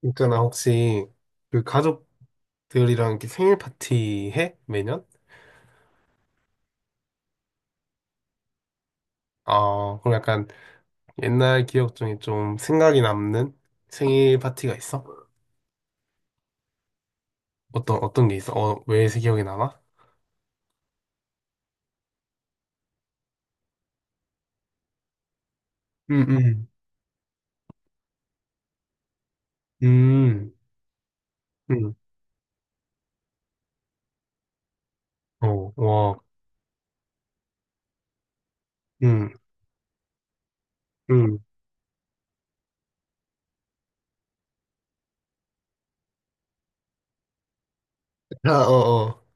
그러니까 나 혹시 그 가족들이랑 이렇게 생일 파티 해? 매년? 아, 그럼 약간 옛날 기억 중에 좀 생각이 남는 생일 파티가 있어? 어떤, 어떤 게 있어? 어, 왜 기억이 남아? 음, 음, 음, 음, 어, 와, 음, 음, 아, 어, 어,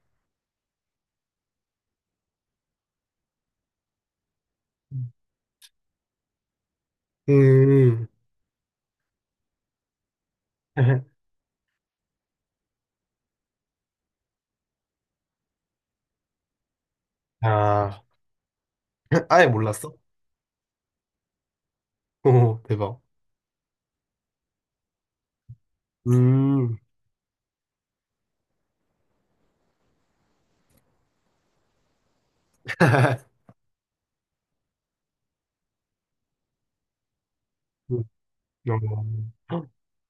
음, 아, 아예 몰랐어? 오, 대박. 음, 음, 어,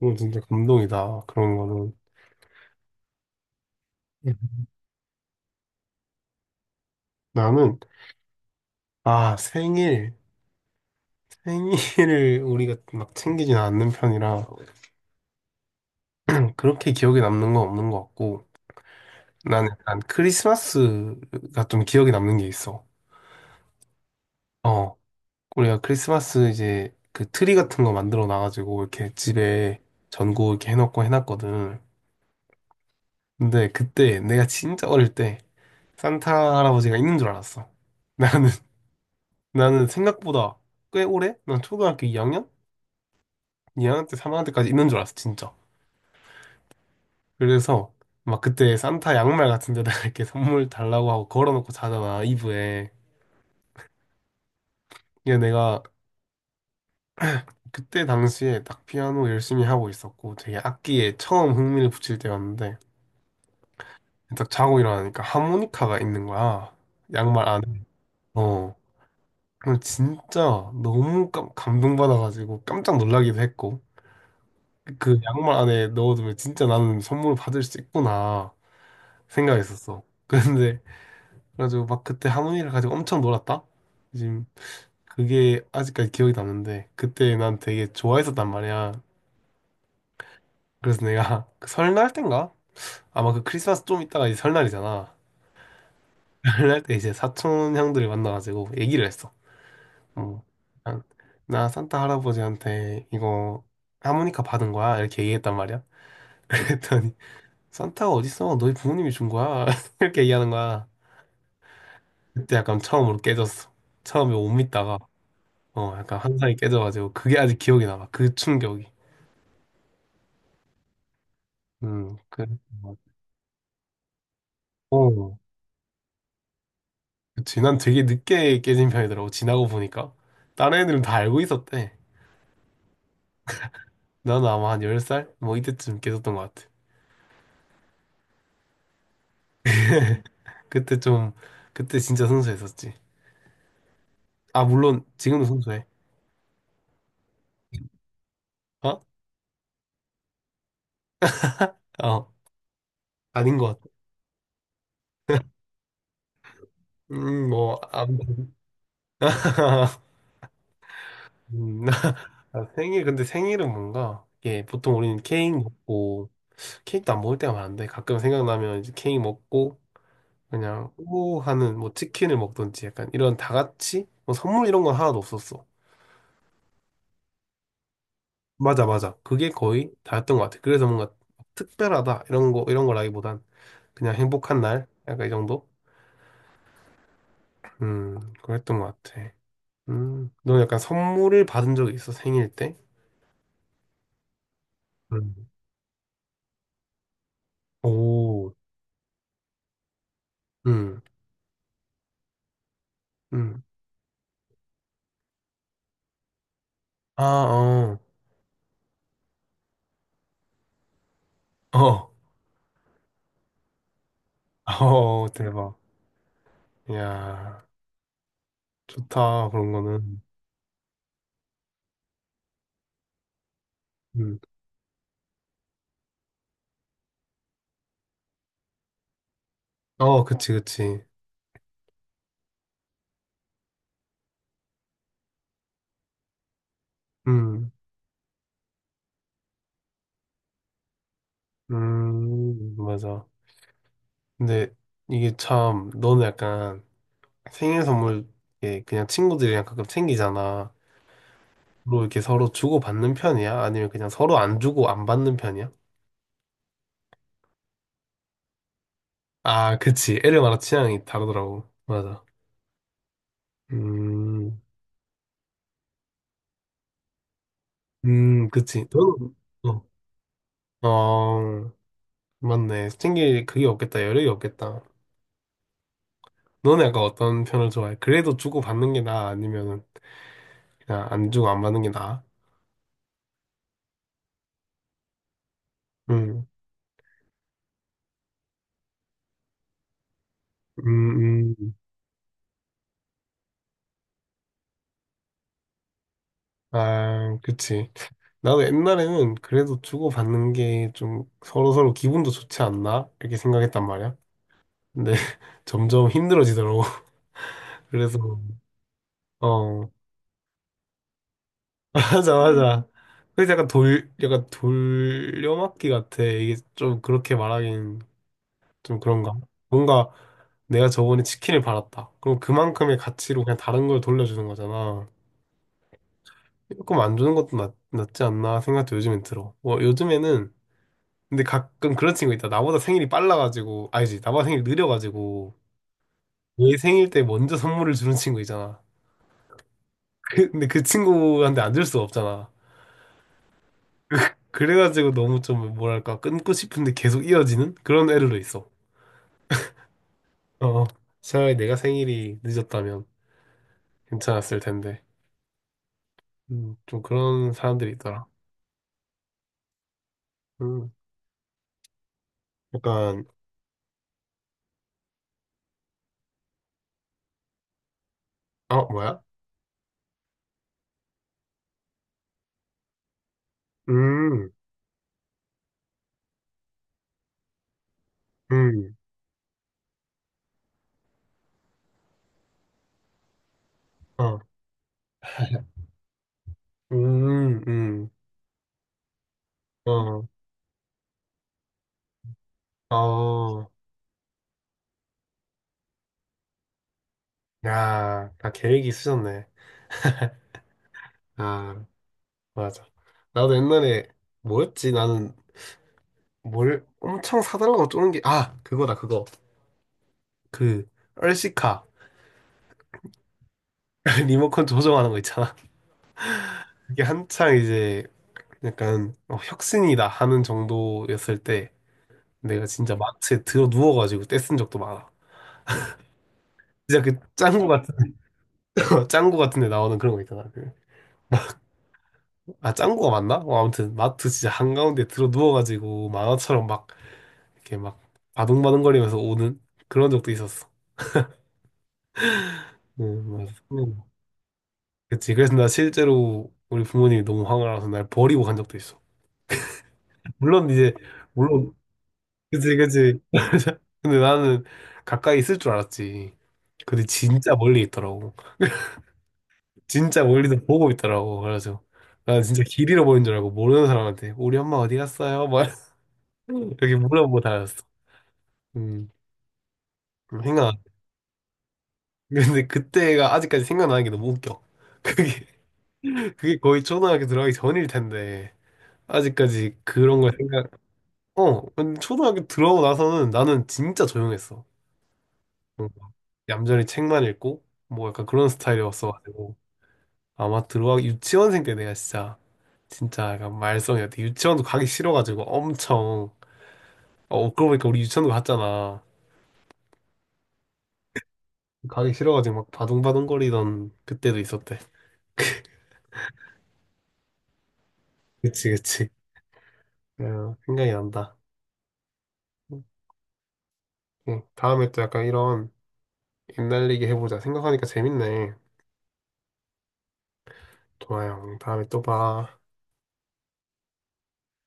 어, 진짜 감동이다. 그런 거는. 나는 아, 생일. 생일을 우리가 막 챙기진 않는 편이라 그렇게 기억에 남는 건 없는 것 같고 나는 약간 크리스마스가 좀 기억에 남는 게 있어. 어, 우리가 크리스마스 이제 그 트리 같은 거 만들어 놔가지고 이렇게 집에 전구 이렇게 해놓고 해놨거든. 근데 그때 내가 진짜 어릴 때 산타 할아버지가 있는 줄 알았어. 나는 나는 생각보다 꽤 오래? 난 초등학교 2학년? 2학년 때 3학년 때까지 있는 줄 알았어, 진짜. 그래서 막 그때 산타 양말 같은 데다가 이렇게 선물 달라고 하고 걸어놓고 자잖아, 이브에. 이게 내가 그때 당시에 딱 피아노 열심히 하고 있었고 되게 악기에 처음 흥미를 붙일 때였는데 딱 자고 일어나니까 하모니카가 있는 거야. 양말 안에. 어. 그럼 진짜 너무 감동받아가지고 깜짝 놀라기도 했고 그 양말 안에 넣어두면 진짜 나는 선물을 받을 수 있구나 생각했었어. 그런데 그래가지고 막 그때 하모니를 가지고 엄청 놀았다. 그게 아직까지 기억이 남는데 그때 난 되게 좋아했었단 말이야. 그래서 내가 그 설날 땐가? 아마 그 크리스마스 좀 있다가 이제 설날이잖아. 설날 때 이제 사촌 형들을 만나가지고 얘기를 했어. 어, 난- 나 산타 할아버지한테 이거 하모니카 받은 거야 이렇게 얘기했단 말이야. 그랬더니 산타가 어딨어? 너희 부모님이 준 거야 이렇게 얘기하는 거야. 그때 약간 처음으로 깨졌어. 처음에 못 믿다가 어 약간 환상이 깨져가지고 그게 아직 기억이 남아. 그 충격이. 그, 어, 그치. 난 되게 늦게 깨진 편이더라고. 지나고 보니까. 다른 애들은 다 알고 있었대. 나는 아마 한 10살? 뭐 이때쯤 깨졌던 것 같아. 그때 좀, 그때 진짜 순수했었지. 아, 물론 지금도 순수해. 어? 어, 아닌 것 같아. 뭐, 아무튼. 음, 아, 생일, 근데 생일은 뭔가, 이게 보통 우리는 케이크 먹고, 케이크도 안 먹을 때가 많은데, 가끔 생각나면 이제 케이크 먹고, 그냥, 오 하는 뭐 치킨을 먹던지 약간 이런 다 같이, 뭐 선물 이런 건 하나도 없었어. 맞아, 맞아. 그게 거의 다였던 것 같아. 그래서 뭔가 특별하다, 이런 거, 이런 거라기보단 그냥 행복한 날? 약간 이 정도? 그랬던 것 같아. 너 약간 선물을 받은 적이 있어, 생일 때? 음. 오, 음, 음. 아, 어, 어, 어, 대박. 야, 좋다, 그런 거는. 음, 어, 그치, 그치. 음, 맞아. 근데 이게 참, 너는 약간, 생일 선물 이렇게 그냥 친구들이랑 가끔 챙기잖아. 로 이렇게 서로 주고받는 편이야? 아니면 그냥 서로 안 주고 안 받는 편이야? 아, 그치. 애들마다 취향이 다르더라고. 맞아. 음, 그치. 너는, 어, 어, 맞네. 챙길 그게 없겠다. 여력이 없겠다. 너는 약간 어떤 편을 좋아해? 그래도 주고받는 게 나아? 아니면은 그냥 안 주고 안 받는 게 나아? 음, 음, 음. 아, 그치. 나도 옛날에는 그래도 주고받는 게 좀 서로서로 기분도 좋지 않나? 이렇게 생각했단 말이야. 근데 점점 힘들어지더라고. 그래서, 어, 맞아, 맞아. 그래서 약간 약간 돌려막기 같아. 이게 좀 그렇게 말하긴 좀 그런가? 뭔가 내가 저번에 치킨을 받았다. 그럼 그만큼의 가치로 그냥 다른 걸 돌려주는 거잖아. 조금 안 주는 것도 낫지 않나 생각도 요즘엔 들어. 뭐 요즘에는 근데 가끔 그런 친구 있다. 나보다 생일이 빨라가지고, 아니지, 나보다 생일이 느려가지고, 얘 생일 때 먼저 선물을 주는 친구 있잖아. 근데 그 친구한테 안 줄 수가 없잖아. 그래가지고 너무 좀, 뭐랄까, 끊고 싶은데 계속 이어지는 그런 애들도 있어. 어, 어. 차라리 내가 생일이 늦었다면 괜찮았을 텐데. 좀 그런 사람들이 있더라. 음, 약간, 어, 뭐야? 음, 음, 어, 음, 음, 어, 어, 야, 다 계획이 있으셨네. 아. 맞아. 나도 옛날에 뭐였지? 나는 뭘 엄청 사달라고 쪼는 게, 아, 그거다, 그거. 그, 얼씨카. 리모컨 조정하는 거 있잖아. 그게 한창 이제 약간 어, 혁신이다 하는 정도였을 때 내가 진짜 마트에 들어 누워가지고 떼쓴 적도 많아. 진짜 그 짱구 같은, 짱구 같은 데 나오는 그런 거 있잖아. 그, 아, 짱구가 맞나? 어, 아무튼 마트 진짜 한가운데 들어 누워가지고 만화처럼 막 이렇게 막 바둥바둥거리면서 오는 그런 적도 있었어. 응 맞아. 그치. 그래서 나 실제로 우리 부모님이 너무 화가 나서 날 버리고 간 적도 있어. 물론 이제, 물론, 그치, 그치. 근데 나는 가까이 있을 줄 알았지. 근데 진짜 멀리 있더라고. 진짜 멀리서 보고 있더라고. 그래서 나 진짜 길 잃어버린 줄 알고 모르는 사람한테 우리 엄마 어디 갔어요? 막 이렇게 물어보고 다녔어. 음, 생각. 근데 그때가 아직까지 생각나는 게 너무 웃겨. 그게 그게 거의 초등학교 들어가기 전일 텐데 아직까지 그런 걸 생각 어, 근데 초등학교 들어가고 나서는 나는 진짜 조용했어. 뭔가 얌전히 책만 읽고, 뭐 약간 그런 스타일이었어가지고. 아마 들어가기, 유치원생 때 내가 진짜, 진짜 약간 말썽이었대. 유치원도 가기 싫어가지고 엄청, 어, 그러고 보니까 우리 유치원도 갔잖아. 가기 싫어가지고 막 바둥바둥거리던 그때도 있었대. 그치, 그치. 어, 생각이 난다. 응, 다음에 또 약간 이런 옛날 얘기 해보자. 생각하니까 재밌네. 좋아요. 다음에 또 봐.